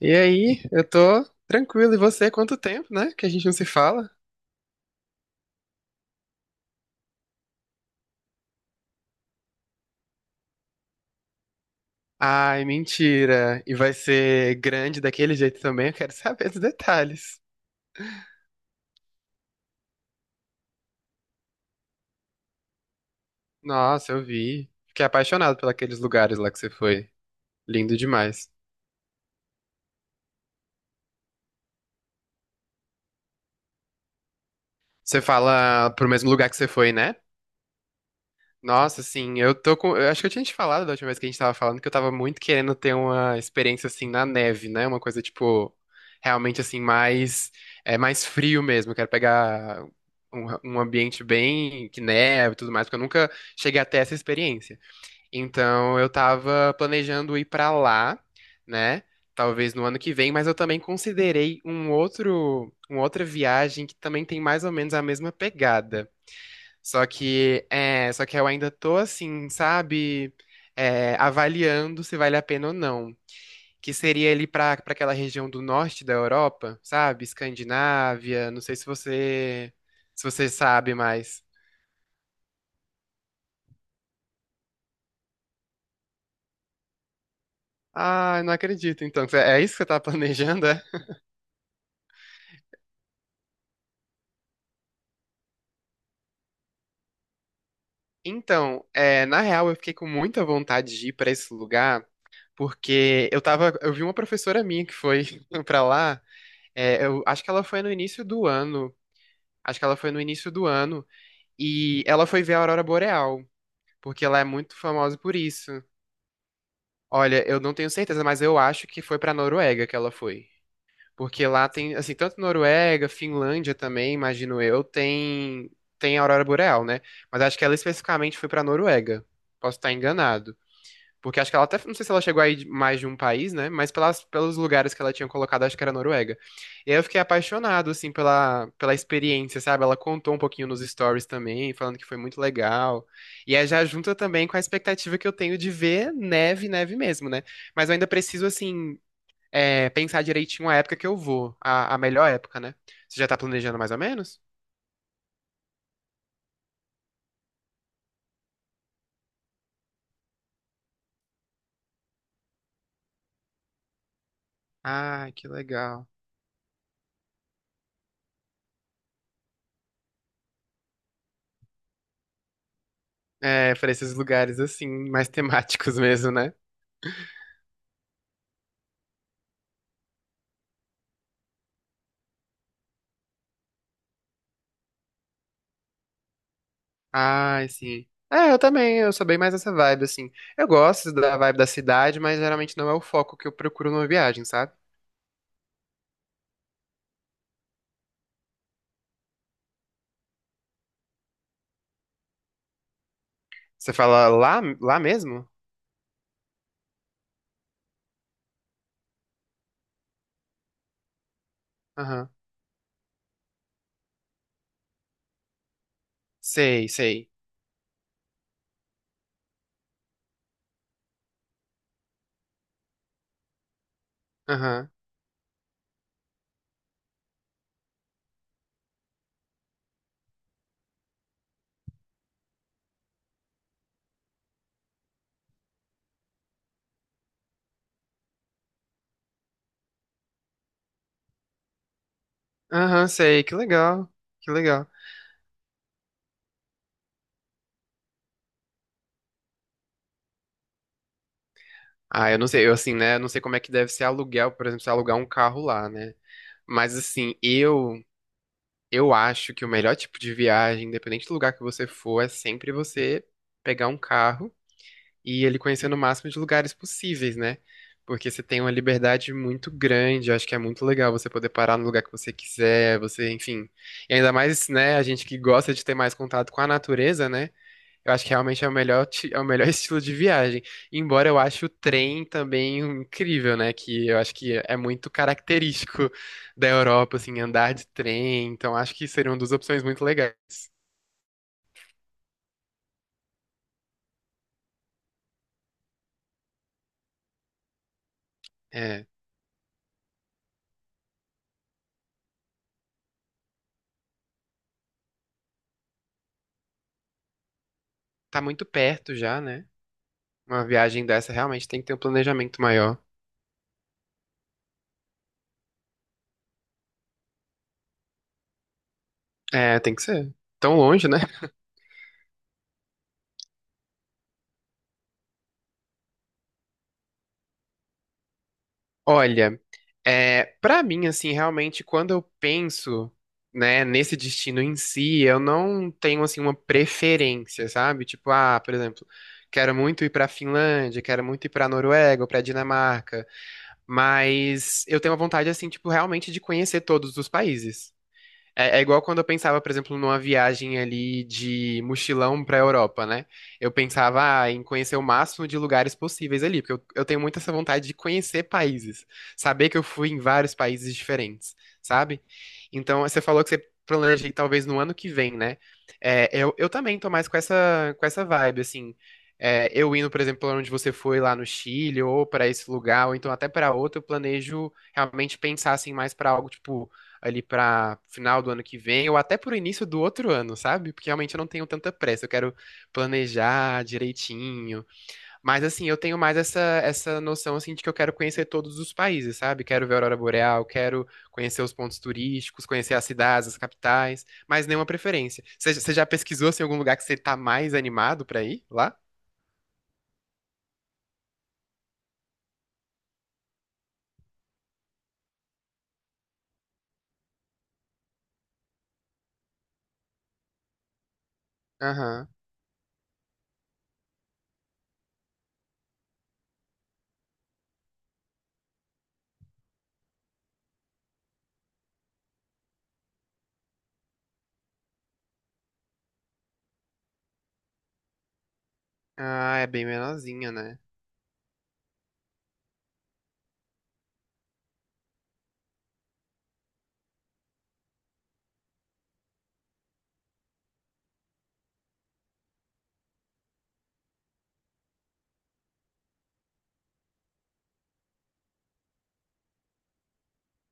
E aí, eu tô tranquilo. E você, quanto tempo, né? Que a gente não se fala? Ai, mentira. E vai ser grande daquele jeito também. Eu quero saber dos detalhes. Nossa, eu vi. Fiquei apaixonado por aqueles lugares lá que você foi. Lindo demais. Você fala pro mesmo lugar que você foi, né? Nossa, assim, eu tô com. Eu acho que eu tinha te falado da última vez que a gente tava falando que eu tava muito querendo ter uma experiência assim na neve, né? Uma coisa tipo realmente assim mais mais frio mesmo. Eu quero pegar um, um ambiente bem que neve e tudo mais, porque eu nunca cheguei até essa experiência. Então eu tava planejando ir pra lá, né? Talvez no ano que vem, mas eu também considerei um outro, uma outra viagem que também tem mais ou menos a mesma pegada. Só que eu ainda tô assim, sabe, avaliando se vale a pena ou não. Que seria ali pra para aquela região do norte da Europa, sabe? Escandinávia, não sei se você se você sabe mais. Ah, não acredito. Então, é isso que você tá planejando, é? Então, na real, eu fiquei com muita vontade de ir pra esse lugar, porque eu tava, eu vi uma professora minha que foi pra lá. Eu acho que ela foi no início do ano. Acho que ela foi no início do ano. E ela foi ver a Aurora Boreal, porque ela é muito famosa por isso. Olha, eu não tenho certeza, mas eu acho que foi pra Noruega que ela foi. Porque lá tem, assim, tanto Noruega, Finlândia também, imagino eu, tem a Aurora Boreal, né? Mas acho que ela especificamente foi pra Noruega. Posso estar enganado. Porque acho que ela até, não sei se ela chegou aí mais de um país, né? Mas pelos lugares que ela tinha colocado, acho que era Noruega. E aí eu fiquei apaixonado, assim, pela experiência, sabe? Ela contou um pouquinho nos stories também, falando que foi muito legal. E aí já junta também com a expectativa que eu tenho de ver neve, neve mesmo, né? Mas eu ainda preciso, assim, pensar direitinho a época que eu vou, a melhor época, né? Você já tá planejando mais ou menos? Ah, que legal. É, pra esses lugares assim, mais temáticos mesmo, né? Ai, sim. É, eu também, eu sou bem mais essa vibe, assim. Eu gosto da vibe da cidade, mas geralmente não é o foco que eu procuro numa viagem, sabe? Você fala lá mesmo? Aham. Sei, sei. Aham. Aham, sei. Que legal. Que legal. Ah, eu não sei, eu assim, né? Eu não sei como é que deve ser aluguel, por exemplo, se alugar um carro lá, né? Mas assim, eu acho que o melhor tipo de viagem, independente do lugar que você for, é sempre você pegar um carro e ele conhecer no máximo de lugares possíveis, né? Porque você tem uma liberdade muito grande, eu acho que é muito legal você poder parar no lugar que você quiser, você, enfim. E ainda mais, né, a gente que gosta de ter mais contato com a natureza, né? Eu acho que realmente é o é o melhor estilo de viagem. Embora eu ache o trem também incrível, né? Que eu acho que é muito característico da Europa, assim, andar de trem. Então acho que seria uma das opções muito legais. É, tá muito perto já, né? Uma viagem dessa realmente tem que ter um planejamento maior. É, tem que ser. Tão longe, né? Olha. É, para mim, assim, realmente, quando eu penso, né, nesse destino em si, eu não tenho, assim, uma preferência, sabe? Tipo, ah, por exemplo, quero muito ir pra Finlândia, quero muito ir pra Noruega ou pra Dinamarca, mas eu tenho a vontade, assim, tipo, realmente de conhecer todos os países. É igual quando eu pensava, por exemplo, numa viagem ali de mochilão pra Europa, né? Eu pensava, ah, em conhecer o máximo de lugares possíveis ali, porque eu tenho muito essa vontade de conhecer países, saber que eu fui em vários países diferentes, sabe? Então, você falou que você planeja ir talvez no ano que vem, né? É, eu também tô mais com com essa vibe, assim. É, eu indo, por exemplo, pra onde você foi lá no Chile, ou pra esse lugar, ou então até pra outro, eu planejo realmente pensar assim mais pra algo tipo ali pra final do ano que vem, ou até pro início do outro ano, sabe? Porque realmente eu não tenho tanta pressa, eu quero planejar direitinho. Mas assim, eu tenho mais essa noção assim de que eu quero conhecer todos os países, sabe? Quero ver a aurora boreal, quero conhecer os pontos turísticos, conhecer as cidades, as capitais, mas nenhuma preferência. Você já pesquisou assim, algum lugar que você tá mais animado pra ir lá? Aham. Ah, é bem menorzinha, né?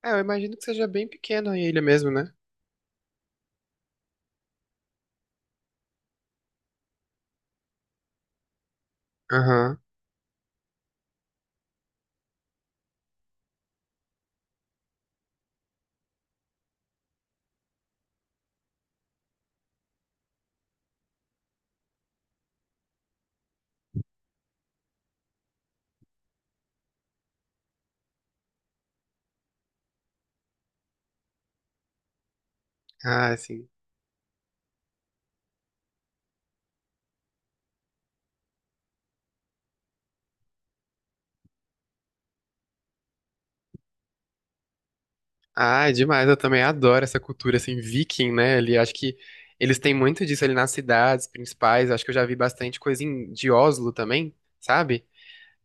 É, eu imagino que seja bem pequena a ilha mesmo, né? Aham. Ah, sim. Ah, é demais, eu também adoro essa cultura, assim, viking, né? Ali, acho que eles têm muito disso ali nas cidades principais, acho que eu já vi bastante coisa em, de Oslo também, sabe?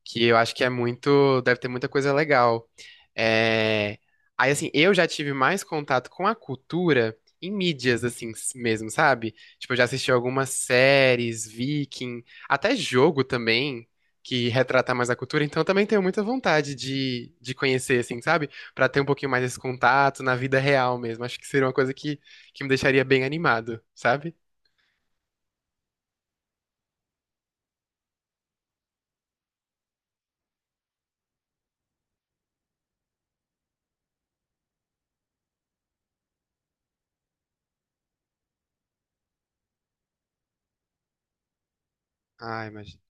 Que eu acho que é muito, deve ter muita coisa legal. É, aí, assim, eu já tive mais contato com a cultura em mídias, assim, mesmo, sabe? Tipo, eu já assisti algumas séries, Viking, até jogo também, que retrata mais a cultura, então eu também tenho muita vontade de conhecer, assim, sabe? Pra ter um pouquinho mais esse contato na vida real mesmo. Acho que seria uma coisa que me deixaria bem animado, sabe? Ah, imagina.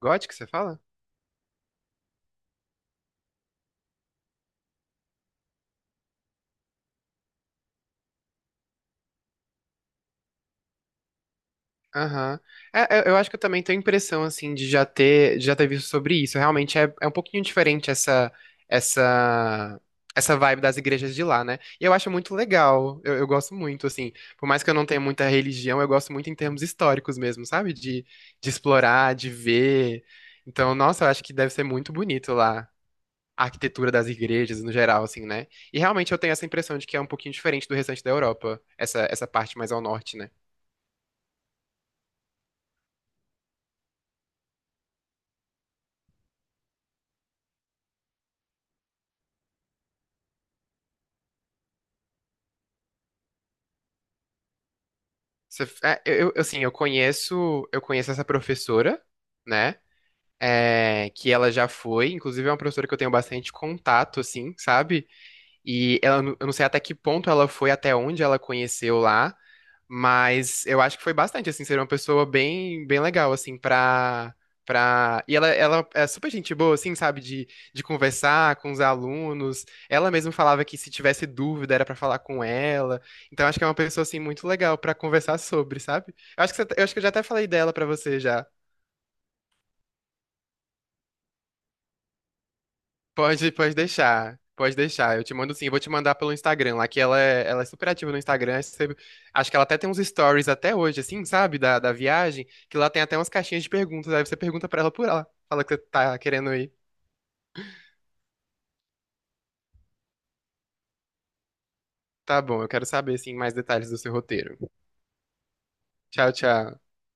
Gótico, você fala? Aham. É, eu acho que eu também tenho a impressão, assim, de já ter visto sobre isso. Realmente é, é um pouquinho diferente essa, essa vibe das igrejas de lá, né? E eu acho muito legal. Eu gosto muito, assim. Por mais que eu não tenha muita religião, eu gosto muito em termos históricos mesmo, sabe? De explorar, de ver. Então, nossa, eu acho que deve ser muito bonito lá. A arquitetura das igrejas no geral, assim, né? E realmente eu tenho essa impressão de que é um pouquinho diferente do restante da Europa, essa parte mais ao norte, né? Eu, assim, eu conheço essa professora, né? É, que ela já foi, inclusive é uma professora que eu tenho bastante contato, assim, sabe? E ela, eu não sei até que ponto ela foi, até onde ela conheceu lá, mas eu acho que foi bastante, assim, ser uma pessoa bem legal, assim, pra, pra... E ela é super gente boa, assim, sabe, de conversar com os alunos. Ela mesma falava que se tivesse dúvida era pra falar com ela. Então acho que é uma pessoa, assim, muito legal pra conversar sobre, sabe? Eu acho que, eu acho que eu já até falei dela pra você já. Pode, pode deixar. Pode deixar. Eu te mando sim. Eu vou te mandar pelo Instagram lá, que ela é super ativa no Instagram. Acho que ela até tem uns stories até hoje, assim, sabe? Da viagem, que lá tem até umas caixinhas de perguntas. Aí você pergunta pra ela por lá. Fala que você tá querendo ir. Tá bom, eu quero saber, assim, mais detalhes do seu roteiro. Tchau, tchau.